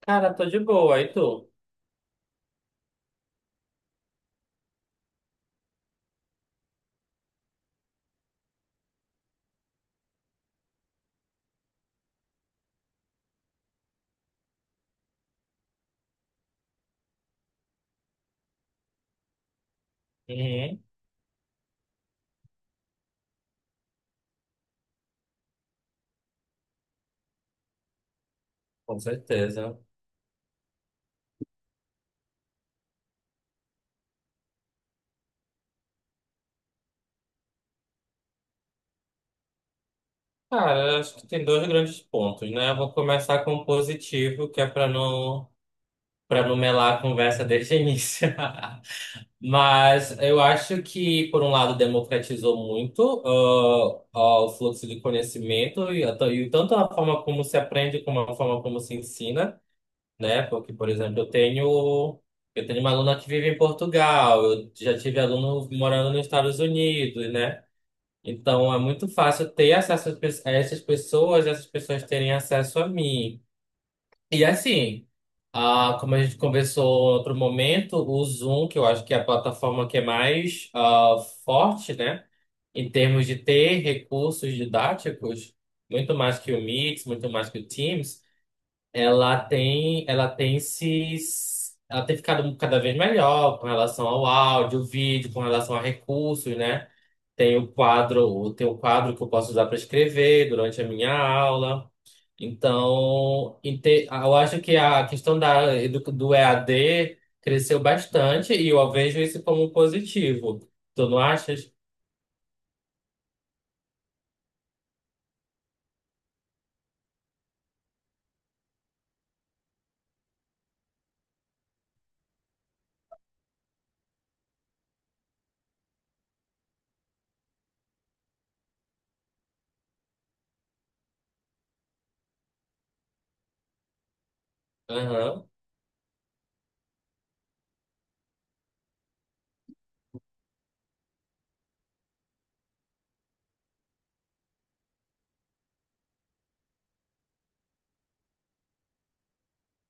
Cara, tô de boa, e tu? Uhum, com certeza. Cara, eu acho que tem dois grandes pontos, né? Eu vou começar com o positivo, que é pra não, para não melar a conversa desde o início. Mas eu acho que, por um lado, democratizou muito o fluxo de conhecimento e tanto a forma como se aprende como a forma como se ensina, né? Porque, por exemplo, eu tenho uma aluna que vive em Portugal, eu já tive aluno morando nos Estados Unidos, né? Então é muito fácil ter acesso a essas pessoas terem acesso a mim. E assim, como a gente conversou em outro momento, o Zoom, que eu acho que é a plataforma que é mais forte, né, em termos de ter recursos didáticos, muito mais que o Meet, muito mais que o Teams. Ela tem se Ela tem ficado cada vez melhor com relação ao áudio, vídeo, com relação a recursos, né? Tem o quadro, tem um quadro que eu posso usar para escrever durante a minha aula. Então, eu acho que a questão do EAD cresceu bastante e eu vejo isso como positivo. Tu não achas? Aham.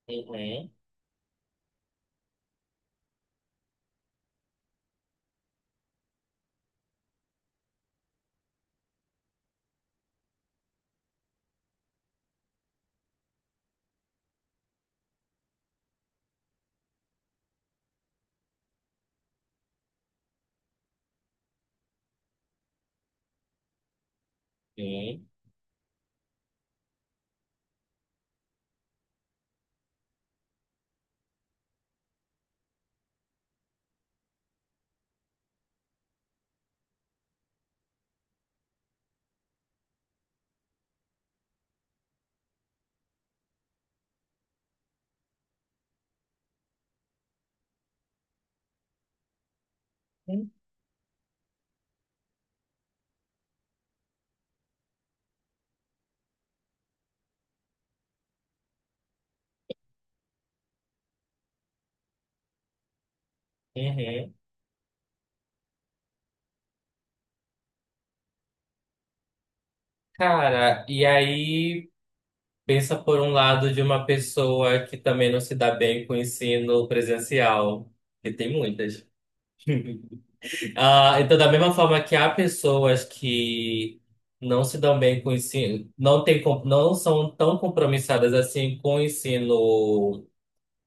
Uhum. Sim. Uhum. Cara, e aí pensa por um lado de uma pessoa que também não se dá bem com o ensino presencial, que tem muitas. Ah, então, da mesma forma que há pessoas que não se dão bem com o ensino, não são tão compromissadas assim com o ensino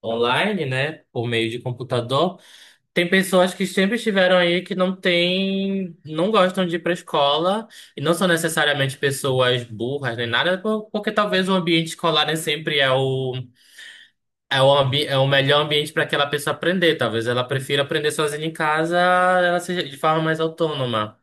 online, né, por meio de computador, tem pessoas que sempre estiveram aí que não têm, não gostam de ir para a escola e não são necessariamente pessoas burras nem nada, porque talvez o ambiente escolar nem sempre é o É o, ambi é o melhor ambiente para aquela pessoa aprender. Talvez ela prefira aprender sozinha em casa, ela seja de forma mais autônoma,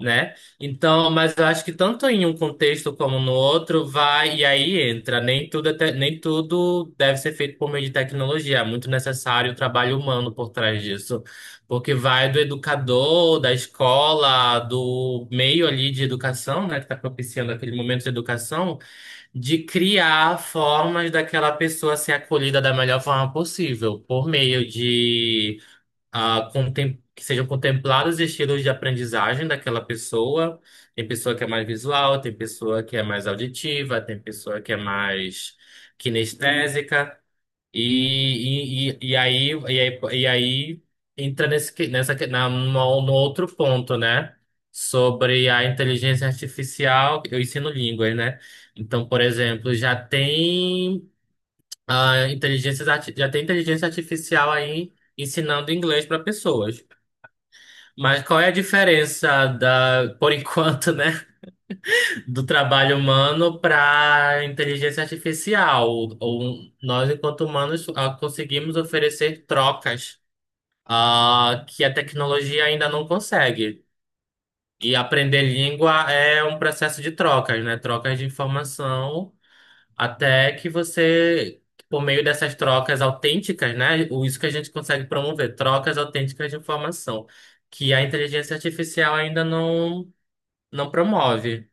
né? Então, mas eu acho que tanto em um contexto como no outro vai e aí entra. Nem tudo deve ser feito por meio de tecnologia. É muito necessário o trabalho humano por trás disso, porque vai do educador, da escola, do meio ali de educação, né, que está propiciando aquele momento de educação, de criar formas daquela pessoa ser acolhida da melhor forma possível, por meio de que sejam contemplados estilos de aprendizagem daquela pessoa. Tem pessoa que é mais visual, tem pessoa que é mais auditiva, tem pessoa que é mais kinestésica. E aí, e aí, e aí entra nesse, que- nessa, que- na, no, no outro ponto, né? Sobre a inteligência artificial, eu ensino línguas, né? Então, por exemplo, já tem inteligência artificial aí ensinando inglês para pessoas. Mas qual é a diferença da, por enquanto, né, do trabalho humano para inteligência artificial? Ou nós, enquanto humanos, conseguimos oferecer trocas, que a tecnologia ainda não consegue. E aprender língua é um processo de trocas, né? Trocas de informação até que você, por meio dessas trocas autênticas, né? Isso que a gente consegue promover, trocas autênticas de informação, que a inteligência artificial ainda não promove.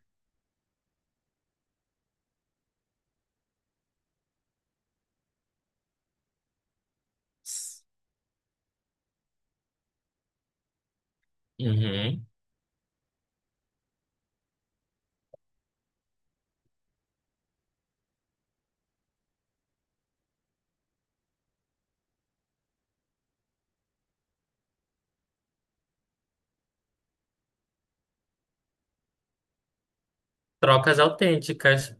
Uhum. Trocas autênticas.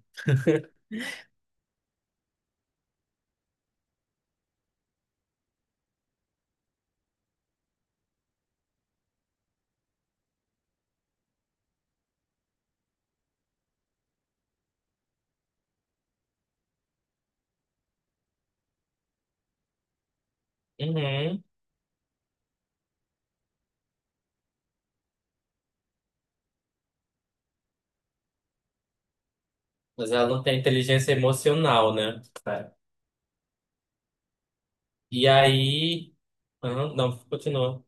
Uhum. Mas ela não tem inteligência emocional, né? É. E aí. Ah, não, continua.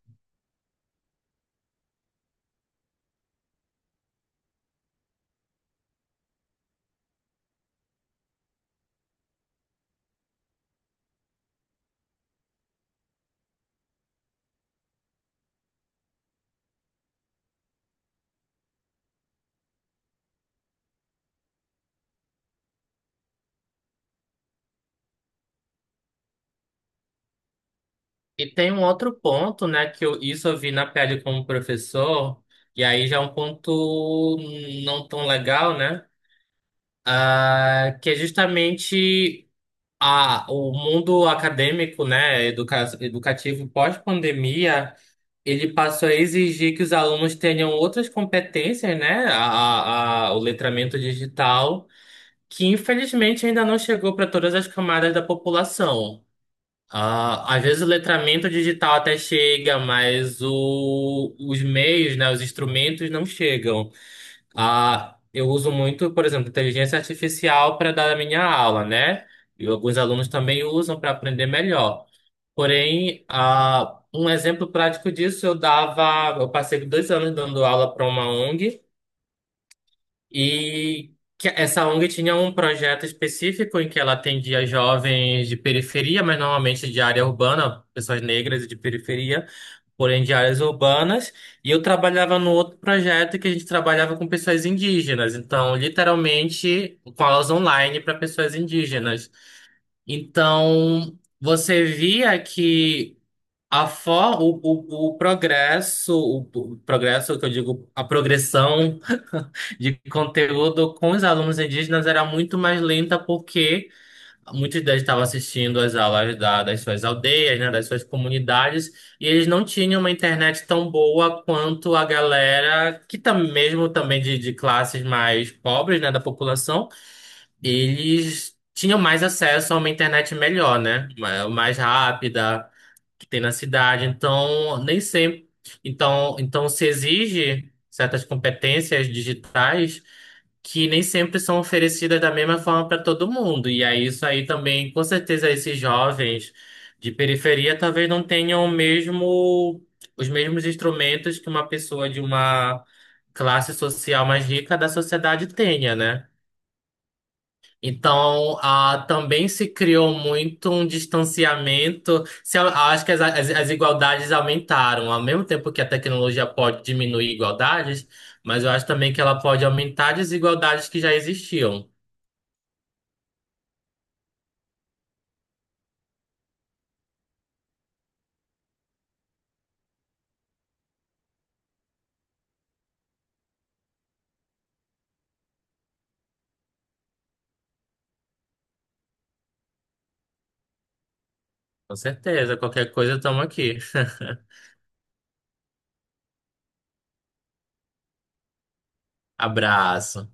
E tem um outro ponto, né? Isso eu vi na pele como professor, e aí já é um ponto não tão legal, né? É, que é justamente o mundo acadêmico, né, educa, educativo pós-pandemia, ele passou a exigir que os alunos tenham outras competências, né, o letramento digital, que infelizmente ainda não chegou para todas as camadas da população. Ah, às vezes o letramento digital até chega, mas os meios, né, os instrumentos não chegam. Ah, eu uso muito, por exemplo, inteligência artificial para dar a minha aula, né? E alguns alunos também usam para aprender melhor. Porém, ah, um exemplo prático disso, eu dava, eu passei dois anos dando aula para uma ONG e que essa ONG tinha um projeto específico em que ela atendia jovens de periferia, mas normalmente de área urbana, pessoas negras e de periferia, porém de áreas urbanas, e eu trabalhava no outro projeto que a gente trabalhava com pessoas indígenas, então literalmente com aulas online para pessoas indígenas. Então você via que a for, o, o, o progresso, o, o progresso que eu digo, a progressão de conteúdo com os alunos indígenas era muito mais lenta, porque muitos deles estavam assistindo às aulas das suas aldeias, né, das suas comunidades, e eles não tinham uma internet tão boa quanto a galera mesmo também de classes mais pobres, né, da população, eles tinham mais acesso a uma internet melhor, né, mais rápida que tem na cidade. Então, nem sempre. Então, então se exige certas competências digitais que nem sempre são oferecidas da mesma forma para todo mundo. E aí isso aí também, com certeza, esses jovens de periferia talvez não tenham o mesmo, os mesmos instrumentos que uma pessoa de uma classe social mais rica da sociedade tenha, né? Então, ah, também se criou muito um distanciamento. Se, Eu acho que as igualdades aumentaram, ao mesmo tempo que a tecnologia pode diminuir igualdades, mas eu acho também que ela pode aumentar desigualdades que já existiam. Com certeza, qualquer coisa, estamos aqui. Abraço.